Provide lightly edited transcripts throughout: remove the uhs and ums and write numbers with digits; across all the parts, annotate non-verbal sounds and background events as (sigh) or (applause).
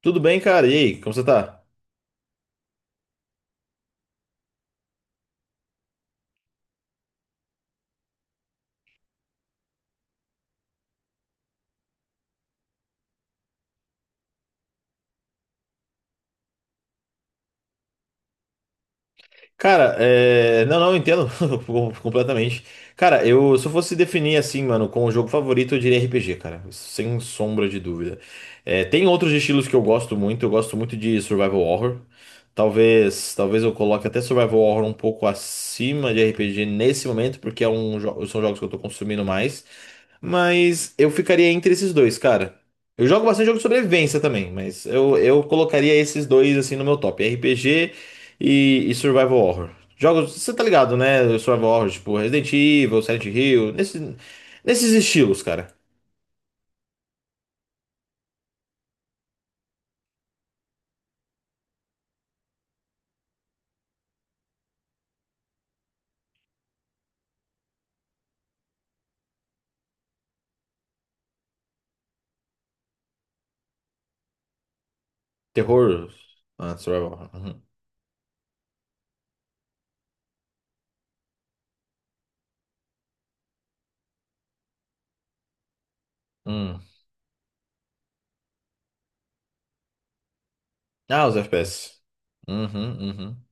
Tudo bem, cara? E aí, como você tá? Cara, não, eu entendo (laughs) completamente. Cara, eu se eu fosse definir assim, mano, como jogo favorito, eu diria RPG, cara, sem sombra de dúvida. É, tem outros estilos que eu gosto muito de survival horror. Talvez eu coloque até survival horror um pouco acima de RPG nesse momento, porque é um são jogos que eu tô consumindo mais. Mas eu ficaria entre esses dois, cara. Eu jogo bastante jogo de sobrevivência também, mas eu colocaria esses dois assim no meu top: RPG e Survival Horror. Jogos, você tá ligado, né? Survival Horror, tipo Resident Evil, Silent Hill, nesses estilos, cara. Terror, ah, Survival Horror. Uhum. Hum. Ah, os FPS. Uhum, uhum.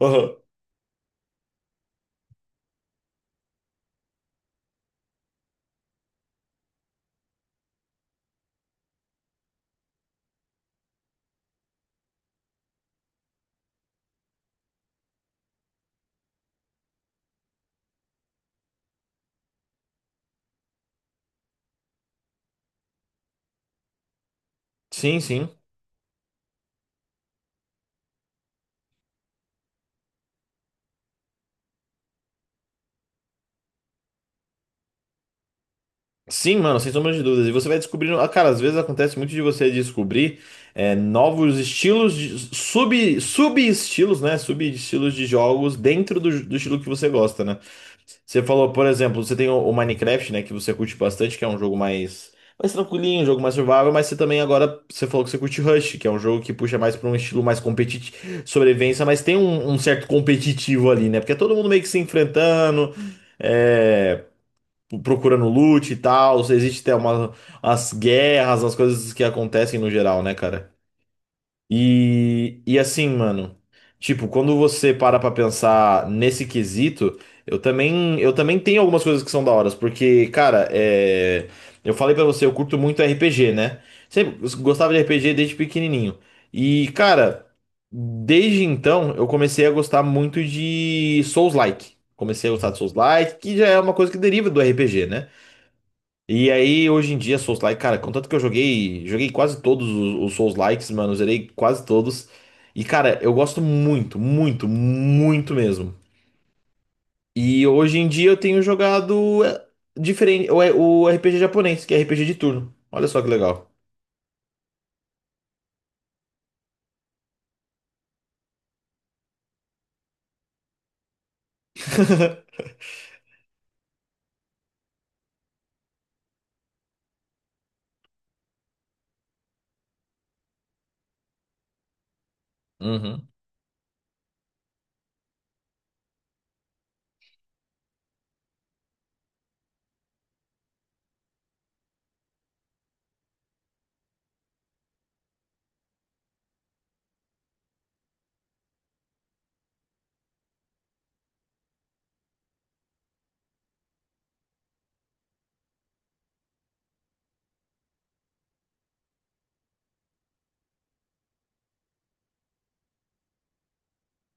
Aham. Sim, sim. Sim, mano, sem sombra de dúvidas. E você vai descobrindo. Ah, cara, às vezes acontece muito de você descobrir novos estilos, sub-estilos, né? Sub-estilos de jogos dentro do estilo que você gosta, né? Você falou, por exemplo, você tem o Minecraft, né, que você curte bastante, que é um jogo mais mais tranquilinho, um jogo mais survival, mas você também agora você falou que você curte Rush, que é um jogo que puxa mais para um estilo mais competitivo, sobrevivência, mas tem um, um certo competitivo ali, né? Porque é todo mundo meio que se enfrentando, é, procurando loot e tal, existe até uma, as guerras, as coisas que acontecem no geral, né, cara? E assim, mano, tipo, quando você para pra pensar nesse quesito, eu também tenho algumas coisas que são da hora, porque, cara, é, eu falei pra você, eu curto muito RPG, né? Sempre gostava de RPG desde pequenininho. E, cara, desde então eu comecei a gostar muito de Souls-like. Comecei a gostar de Souls-like, que já é uma coisa que deriva do RPG, né? E aí, hoje em dia, Souls-like, cara, contanto que eu joguei, joguei quase todos os Souls-likes, mano, zerei quase todos. E, cara, eu gosto muito, muito, muito mesmo. E hoje em dia eu tenho jogado diferente, o RPG japonês, que é RPG de turno. Olha só que legal. (laughs) Uhum.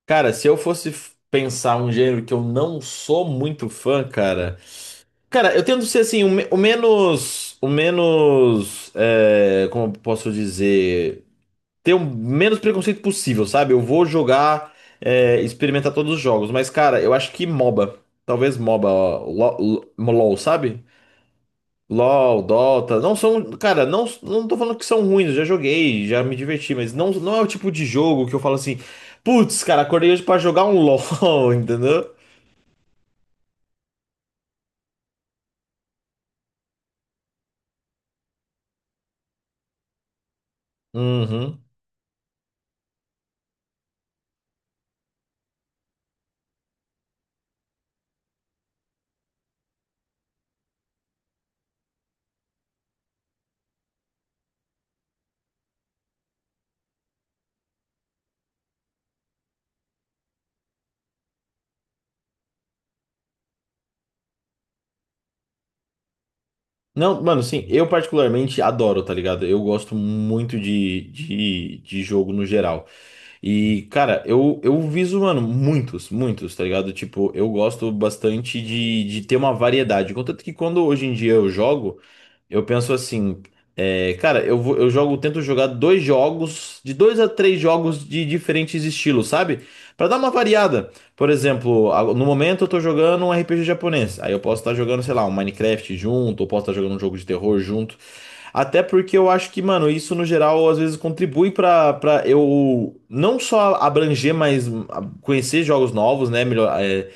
Cara, se eu fosse pensar um gênero que eu não sou muito fã, cara. Cara, eu tento ser assim, o menos. O menos. É, como eu posso dizer? Ter o menos preconceito possível, sabe? Eu vou jogar, é, experimentar todos os jogos, mas cara, eu acho que MOBA, talvez MOBA, ó, LOL, sabe? LOL, Dota, não são, cara, não tô falando que são ruins, eu já joguei, já me diverti, mas não é o tipo de jogo que eu falo assim, putz, cara, acordei hoje pra jogar um LOL, (laughs) entendeu? Uhum. Não, mano, sim, eu particularmente adoro, tá ligado? Eu gosto muito de jogo no geral. E, cara, eu viso, mano, muitos, tá ligado? Tipo, eu gosto bastante de ter uma variedade. Contanto que quando hoje em dia eu jogo, eu penso assim, é, cara, eu vou, eu jogo, tento jogar dois jogos, de dois a três jogos de diferentes estilos, sabe? Pra dar uma variada. Por exemplo, no momento eu tô jogando um RPG japonês. Aí eu posso estar jogando, sei lá, um Minecraft junto, ou posso estar jogando um jogo de terror junto. Até porque eu acho que, mano, isso no geral às vezes contribui pra eu não só abranger, mas conhecer jogos novos, né? Melhor, é,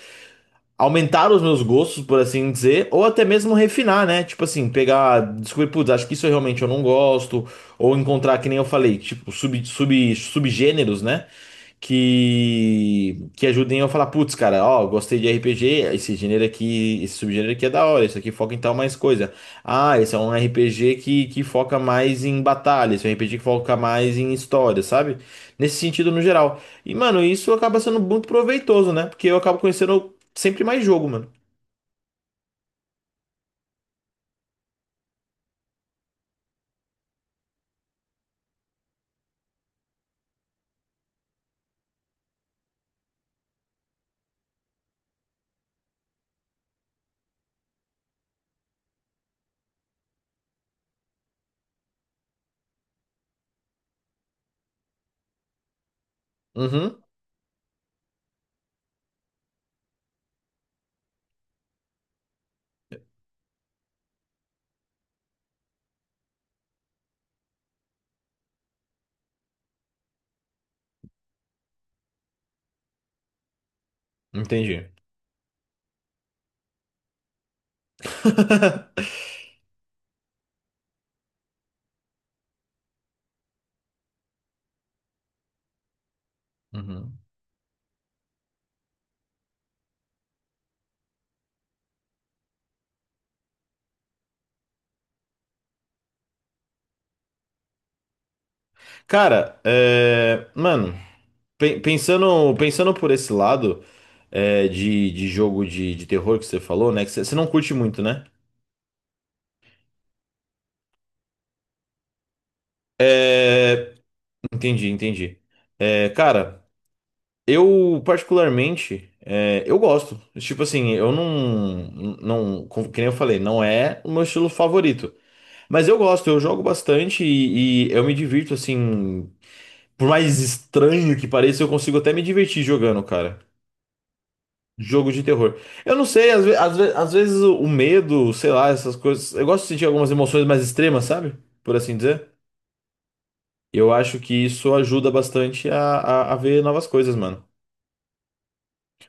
aumentar os meus gostos, por assim dizer, ou até mesmo refinar, né? Tipo assim, pegar, descobrir, putz, acho que isso eu realmente eu não gosto, ou encontrar, que nem eu falei, tipo, subgêneros, né? Que ajudem eu a falar, putz, cara, ó, gostei de RPG, esse gênero aqui, esse subgênero aqui é da hora, isso aqui foca em tal mais coisa. Ah, esse é um RPG que foca mais em batalha, esse é um RPG que foca mais em história, sabe? Nesse sentido, no geral. E, mano, isso acaba sendo muito proveitoso, né? Porque eu acabo conhecendo sempre mais jogo, mano. Uhum, entendi. (laughs) Uhum. Cara, é, mano, pensando por esse lado é, de jogo de terror que você falou, né? Que você não curte muito, né? É, entendi. É, cara, eu particularmente, é, eu gosto. Tipo assim, eu não, não, como- que nem eu falei, não é o meu estilo favorito. Mas eu gosto, eu jogo bastante e eu me divirto assim. Por mais estranho que pareça, eu consigo até me divertir jogando, cara. Jogo de terror. Eu não sei, às vezes o medo, sei lá, essas coisas. Eu gosto de sentir algumas emoções mais extremas, sabe? Por assim dizer. Eu acho que isso ajuda bastante a ver novas coisas, mano.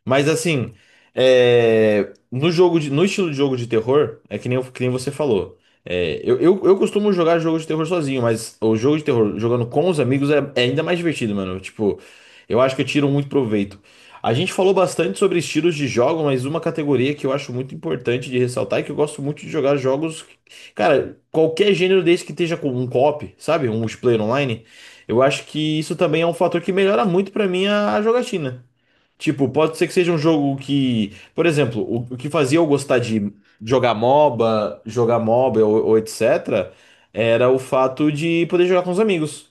Mas assim, é, no no estilo de jogo de terror, é que nem você falou. É, eu costumo jogar jogo de terror sozinho, mas o jogo de terror jogando com os amigos é, é ainda mais divertido, mano. Tipo, eu acho que eu tiro muito proveito. A gente falou bastante sobre estilos de jogo, mas uma categoria que eu acho muito importante de ressaltar é que eu gosto muito de jogar jogos. Cara, qualquer gênero desse que esteja com um co-op, sabe? Um multiplayer online. Eu acho que isso também é um fator que melhora muito pra mim a jogatina. Tipo, pode ser que seja um jogo que, por exemplo, o que fazia eu gostar de jogar MOBA ou etc, era o fato de poder jogar com os amigos.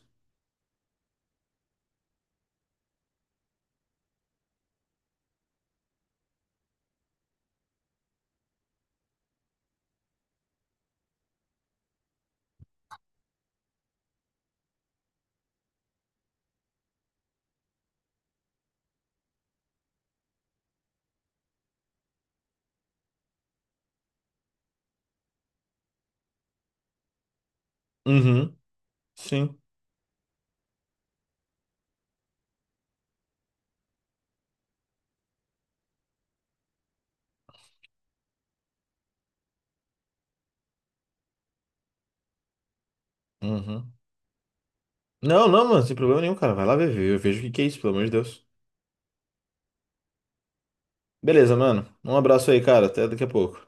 Uhum, sim. Uhum. Não, não, mano, sem problema nenhum, cara. Vai lá ver, eu vejo o que que é isso, pelo amor de Deus. Beleza, mano. Um abraço aí, cara. Até daqui a pouco.